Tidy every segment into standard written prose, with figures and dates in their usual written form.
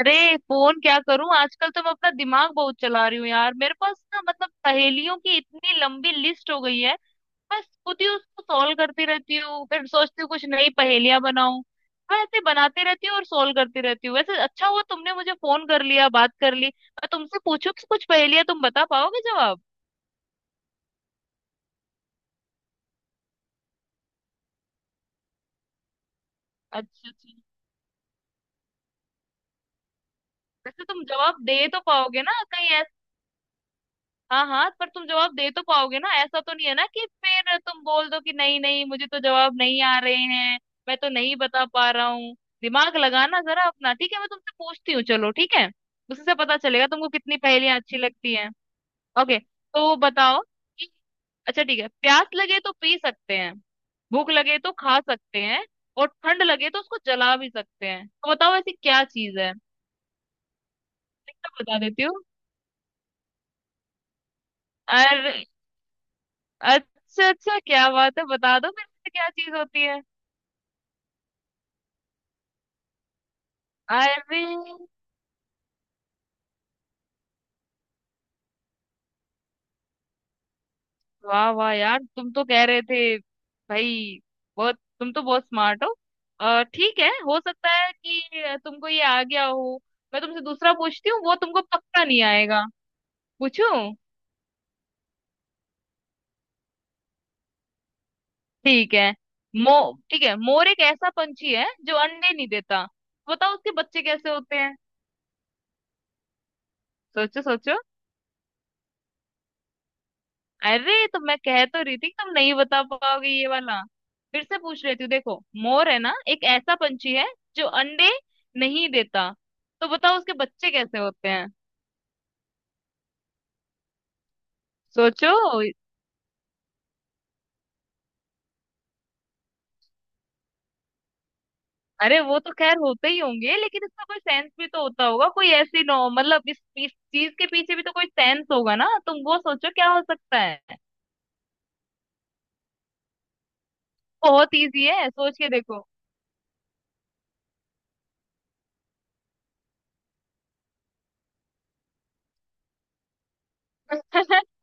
अरे फोन क्या करूं, आजकल तो मैं अपना दिमाग बहुत चला रही हूँ यार। मेरे पास ना मतलब पहेलियों की इतनी लंबी लिस्ट हो गई है। मैं खुद ही उसको सॉल्व करती रहती हूँ, फिर सोचती हूँ कुछ नई पहेलियां बनाऊं। मैं ऐसे बनाती रहती हूँ और सॉल्व करती रहती हूँ। वैसे अच्छा हुआ तुमने मुझे फोन कर लिया, बात कर ली। मैं तुमसे पूछूं कि कुछ पहेलियां तुम बता पाओगे जवाब। अच्छा अच्छा। वैसे तुम जवाब दे तो पाओगे ना कहीं? हाँ हाँ, पर तुम जवाब दे तो पाओगे ना, ऐसा तो नहीं है ना कि फिर तुम बोल दो कि नहीं नहीं मुझे तो जवाब नहीं आ रहे हैं, मैं तो नहीं बता पा रहा हूँ। दिमाग लगाना जरा अपना। ठीक है मैं तुमसे पूछती हूँ, चलो ठीक है। उससे पता चलेगा तुमको कितनी पहेलियां अच्छी लगती हैं। ओके तो बताओ कि अच्छा ठीक है, प्यास लगे तो पी सकते हैं, भूख लगे तो खा सकते हैं, और ठंड लगे तो उसको जला भी सकते हैं। तो बताओ ऐसी क्या चीज है। मैं तो बता देती हूँ। अच्छा अच्छा, क्या बात है, बता दो फिर से क्या चीज होती है। अरे वाह वाह यार, तुम तो कह रहे थे भाई। बहुत तुम तो बहुत स्मार्ट हो। और ठीक है हो सकता है कि तुमको ये आ गया हो। मैं तुमसे दूसरा पूछती हूँ, वो तुमको पक्का नहीं आएगा। पूछूं? ठीक है। मो ठीक है, मोर एक ऐसा पंछी है जो अंडे नहीं देता। बताओ उसके बच्चे कैसे होते हैं। सोचो सोचो। अरे तो मैं कह तो रही थी तुम नहीं बता पाओगे ये वाला। फिर से पूछ लेती हूँ देखो। मोर है ना, एक ऐसा पंछी है जो अंडे नहीं देता, तो बताओ उसके बच्चे कैसे होते हैं। सोचो। अरे वो तो खैर होते ही होंगे, लेकिन इसका कोई सेंस भी तो होता होगा। कोई ऐसी नो मतलब इस चीज के पीछे भी तो कोई सेंस होगा ना, तुम वो सोचो क्या हो सकता है। बहुत इजी है, सोच के देखो।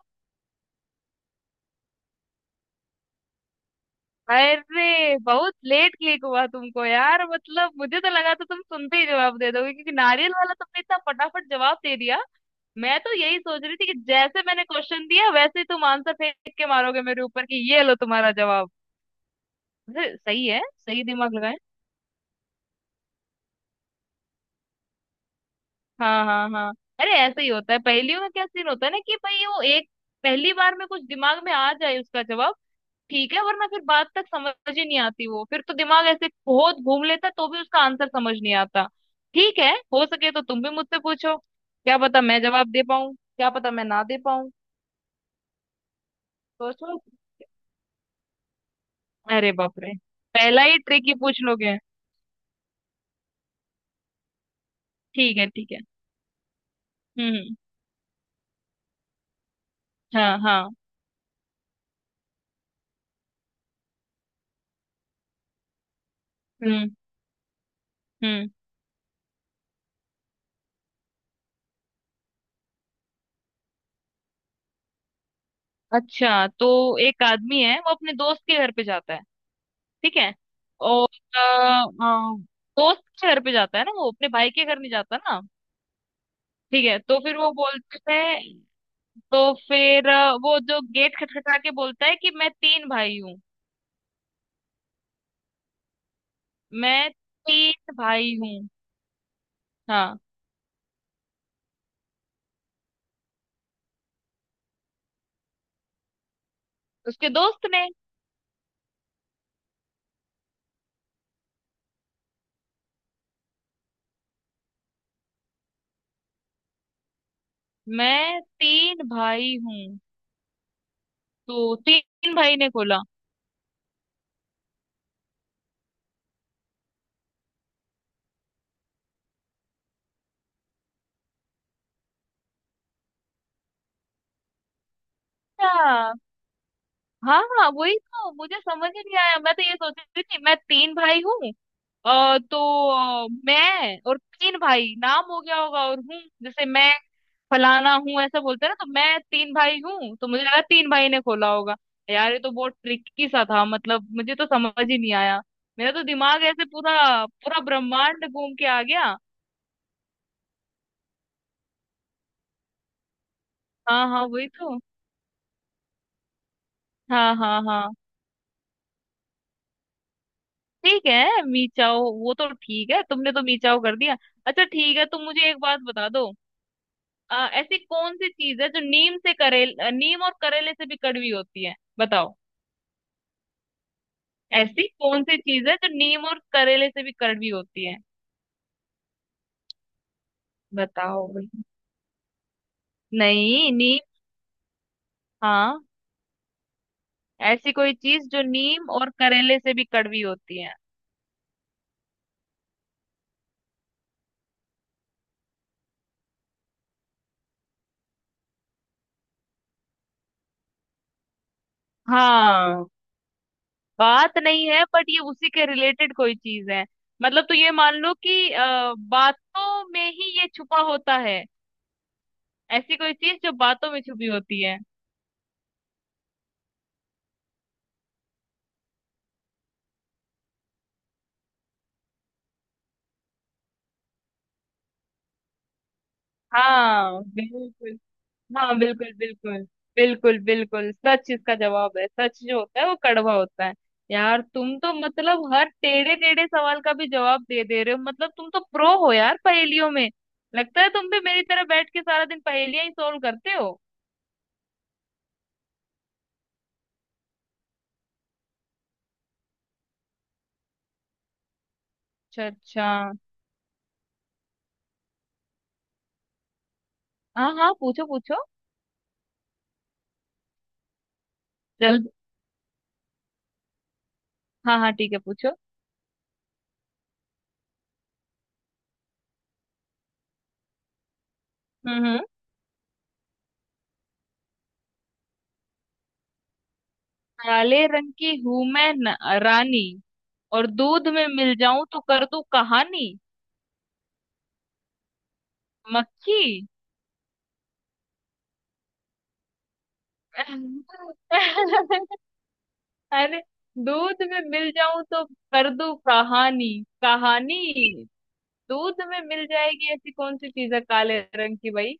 अरे बहुत लेट क्लिक हुआ तुमको यार। मतलब मुझे तो लगा था तुम सुनते ही जवाब दे दोगे क्योंकि नारियल वाला तुमने इतना फटाफट जवाब दे दिया। मैं तो यही सोच रही थी कि जैसे मैंने क्वेश्चन दिया वैसे ही तुम आंसर फेंक के मारोगे मेरे ऊपर कि ये लो तुम्हारा जवाब। अरे सही है, सही दिमाग लगाए। हाँ हाँ हाँ। अरे ऐसे ही होता है पहेलियों में। क्या सीन होता है ना कि भाई वो एक पहली बार में कुछ दिमाग में आ जाए उसका जवाब ठीक है, वरना फिर बात तक समझ ही नहीं आती। वो फिर तो दिमाग ऐसे बहुत घूम लेता तो भी उसका आंसर समझ नहीं आता। ठीक है, हो सके तो तुम भी मुझसे पूछो, क्या पता मैं जवाब दे पाऊं क्या पता मैं ना दे पाऊं। सोचो। अरे बाप रे, पहला ही ट्रिक ही पूछ लोगे। ठीक है ठीक है। हम्म हम्म, हाँ हाँ, हम्म हम्म। अच्छा तो एक आदमी है, वो अपने दोस्त के घर पे जाता है, ठीक है। और अ, अ, दोस्त के घर पे जाता है ना, वो अपने भाई के घर नहीं जाता ना। ठीक है तो फिर वो बोलते हैं, तो फिर वो जो गेट खटखटा के बोलता है कि मैं तीन भाई हूँ। मैं तीन भाई हूँ। हाँ। उसके दोस्त ने। मैं तीन भाई हूँ, तो तीन भाई ने खोला। अच्छा, हाँ हाँ वही तो मुझे समझ ही नहीं आया। मैं तो ये सोच रही थी मैं तीन भाई हूँ तो मैं और तीन भाई नाम हो गया होगा, और हूँ जैसे मैं फलाना हूँ ऐसा बोलते हैं ना, तो मैं तीन भाई हूँ तो मुझे लगा तीन भाई ने खोला होगा। यार ये तो बहुत ट्रिकी सा था, मतलब मुझे तो समझ ही नहीं आया। मेरा तो दिमाग ऐसे पूरा पूरा ब्रह्मांड घूम के आ गया। हाँ हाँ वही तो। हाँ हाँ हाँ ठीक है, मीचाओ, वो तो ठीक है, तुमने तो मीचाओ कर दिया। अच्छा ठीक है, तुम मुझे एक बात बता दो। ऐसी कौन सी चीज है जो नीम और करेले से भी कड़वी होती है, बताओ। ऐसी कौन सी चीज है जो नीम और करेले से भी कड़वी होती है, बताओ भाई। नहीं नीम, हाँ, ऐसी कोई चीज जो नीम और करेले से भी कड़वी होती है। हाँ बात नहीं है, बट ये उसी के रिलेटेड कोई चीज है, मतलब तो ये मान लो कि बातों में ही ये छुपा होता है। ऐसी कोई चीज जो बातों में छुपी होती है। हाँ बिल्कुल। हाँ बिल्कुल बिल्कुल। बिल्कुल बिल्कुल, सच इसका जवाब है, सच जो होता है वो कड़वा होता है। यार तुम तो मतलब हर टेढ़े टेढ़े सवाल का भी जवाब दे दे रहे हो, मतलब तुम तो प्रो हो यार पहेलियों में। लगता है तुम भी मेरी तरह बैठ के सारा दिन पहेलियां ही सोल्व करते हो। अच्छा अच्छा। हाँ हाँ पूछो पूछो। जल्द। हाँ हाँ ठीक है पूछो। हम्म। काले रंग की हूं मैं न, रानी, और दूध में मिल जाऊं तो कर दूं कहानी। मक्खी। अरे, दूध में मिल जाऊं तो कर दूं कहानी, कहानी। दूध में मिल जाएगी ऐसी कौन सी चीज है काले रंग की भाई?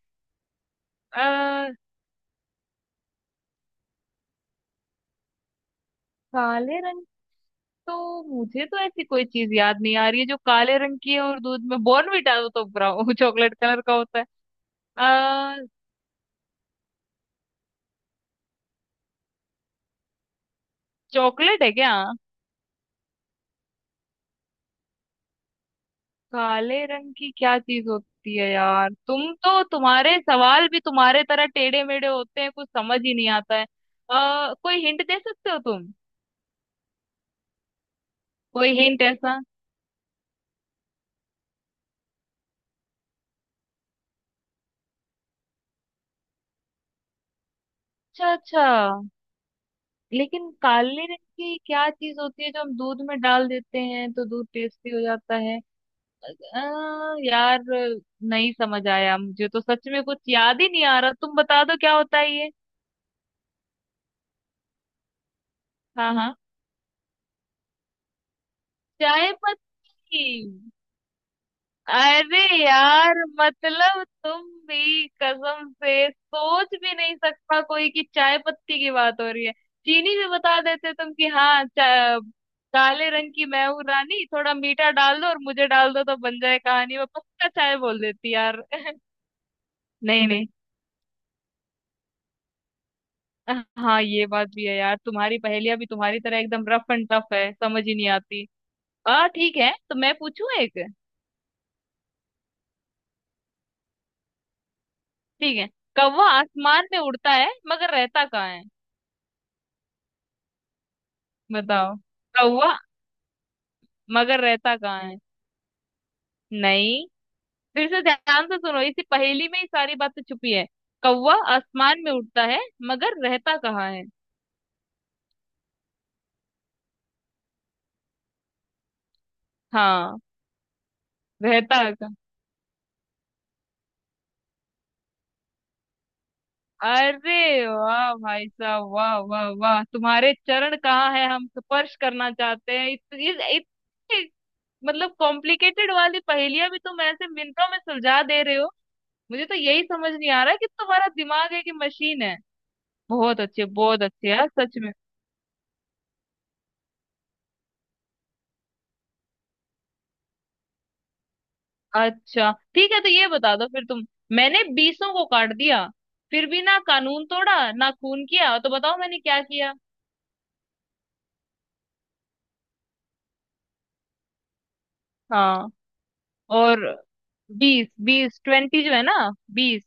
आ, काले रंग, तो मुझे तो ऐसी कोई चीज याद नहीं आ रही है जो काले रंग की है और दूध में, बॉर्नविटा तो ब्राउन चॉकलेट कलर का होता है। आ, चॉकलेट है क्या? काले रंग की क्या चीज होती है यार, तुम तो तुम्हारे सवाल भी तुम्हारे तरह टेढ़े मेढ़े होते हैं, कुछ समझ ही नहीं आता है। कोई हिंट दे सकते हो तुम, कोई हिंट ऐसा। अच्छा अच्छा, लेकिन काले रंग की क्या चीज होती है जो हम दूध में डाल देते हैं तो दूध टेस्टी हो जाता है? यार नहीं समझ आया मुझे तो, सच में कुछ याद ही नहीं आ रहा, तुम बता दो क्या होता है ये। हाँ हाँ, चाय पत्ती। अरे यार मतलब तुम भी, कसम से सोच भी नहीं सकता कोई कि चाय पत्ती की बात हो रही है। चीनी भी बता देते तुम कि हाँ काले रंग की मैं हूँ रानी, थोड़ा मीठा डाल दो और मुझे डाल दो तो बन जाए कहानी, मैं पक्का चाय बोल देती यार। नहीं नहीं, हाँ ये बात भी है यार, तुम्हारी पहेलियां भी तुम्हारी तरह एकदम रफ एंड टफ है, समझ ही नहीं आती। आ ठीक है तो मैं पूछूं एक, ठीक है। कौवा आसमान में उड़ता है मगर रहता कहाँ है, बताओ। कौवा, मगर रहता कहाँ है? नहीं, फिर से ध्यान से सुनो, इसी पहेली में ही सारी बातें छुपी है। कौवा आसमान में उड़ता है मगर रहता कहाँ है? हाँ, रहता कहाँ। अरे वाह भाई साहब, वाह वाह वाह, तुम्हारे चरण कहाँ है हम स्पर्श करना चाहते हैं, इत, इत, इतनी मतलब कॉम्प्लिकेटेड वाली पहेलियां भी तुम ऐसे मिनटों में सुलझा दे रहे हो। मुझे तो यही समझ नहीं आ रहा कि तुम्हारा दिमाग है कि मशीन है। बहुत अच्छे यार, सच में। अच्छा ठीक है, तो ये बता दो फिर तुम। मैंने बीसों को काट दिया, फिर भी ना कानून तोड़ा ना खून किया, तो बताओ मैंने क्या किया। हाँ, और बीस बीस 20 जो है ना, बीस,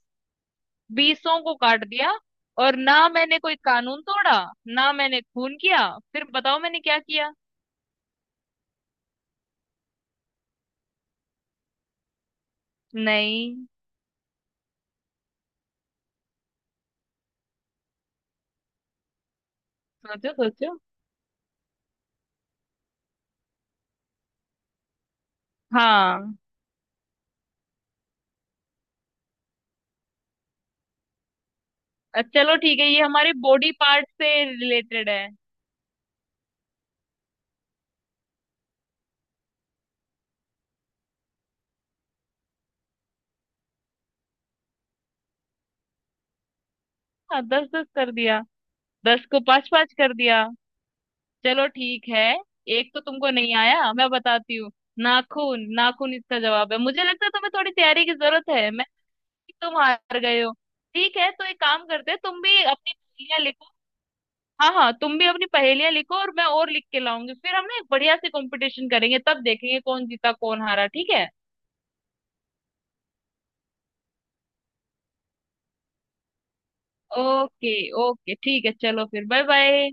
बीसों को काट दिया, और ना मैंने कोई कानून तोड़ा ना मैंने खून किया, फिर बताओ मैंने क्या किया। नहीं, सोचो सोचो। हाँ चलो ठीक है, ये हमारे बॉडी पार्ट से रिलेटेड है। हाँ दस दस कर दिया, दस को पांच पांच कर दिया, चलो ठीक है। एक तो तुमको नहीं आया, मैं बताती हूँ। नाखून, नाखून इसका जवाब है। मुझे लगता है तुम्हें थोड़ी तैयारी की जरूरत है, मैं, तुम हार गए हो। ठीक है तो एक काम करते हैं, तुम भी अपनी पहेलियां लिखो। हाँ हाँ, तुम भी अपनी पहेलियां लिखो और मैं और लिख के लाऊंगी, फिर हम ना एक बढ़िया से कंपटीशन करेंगे, तब देखेंगे कौन जीता कौन हारा, ठीक है। ओके। ओके ठीक है चलो फिर, बाय बाय।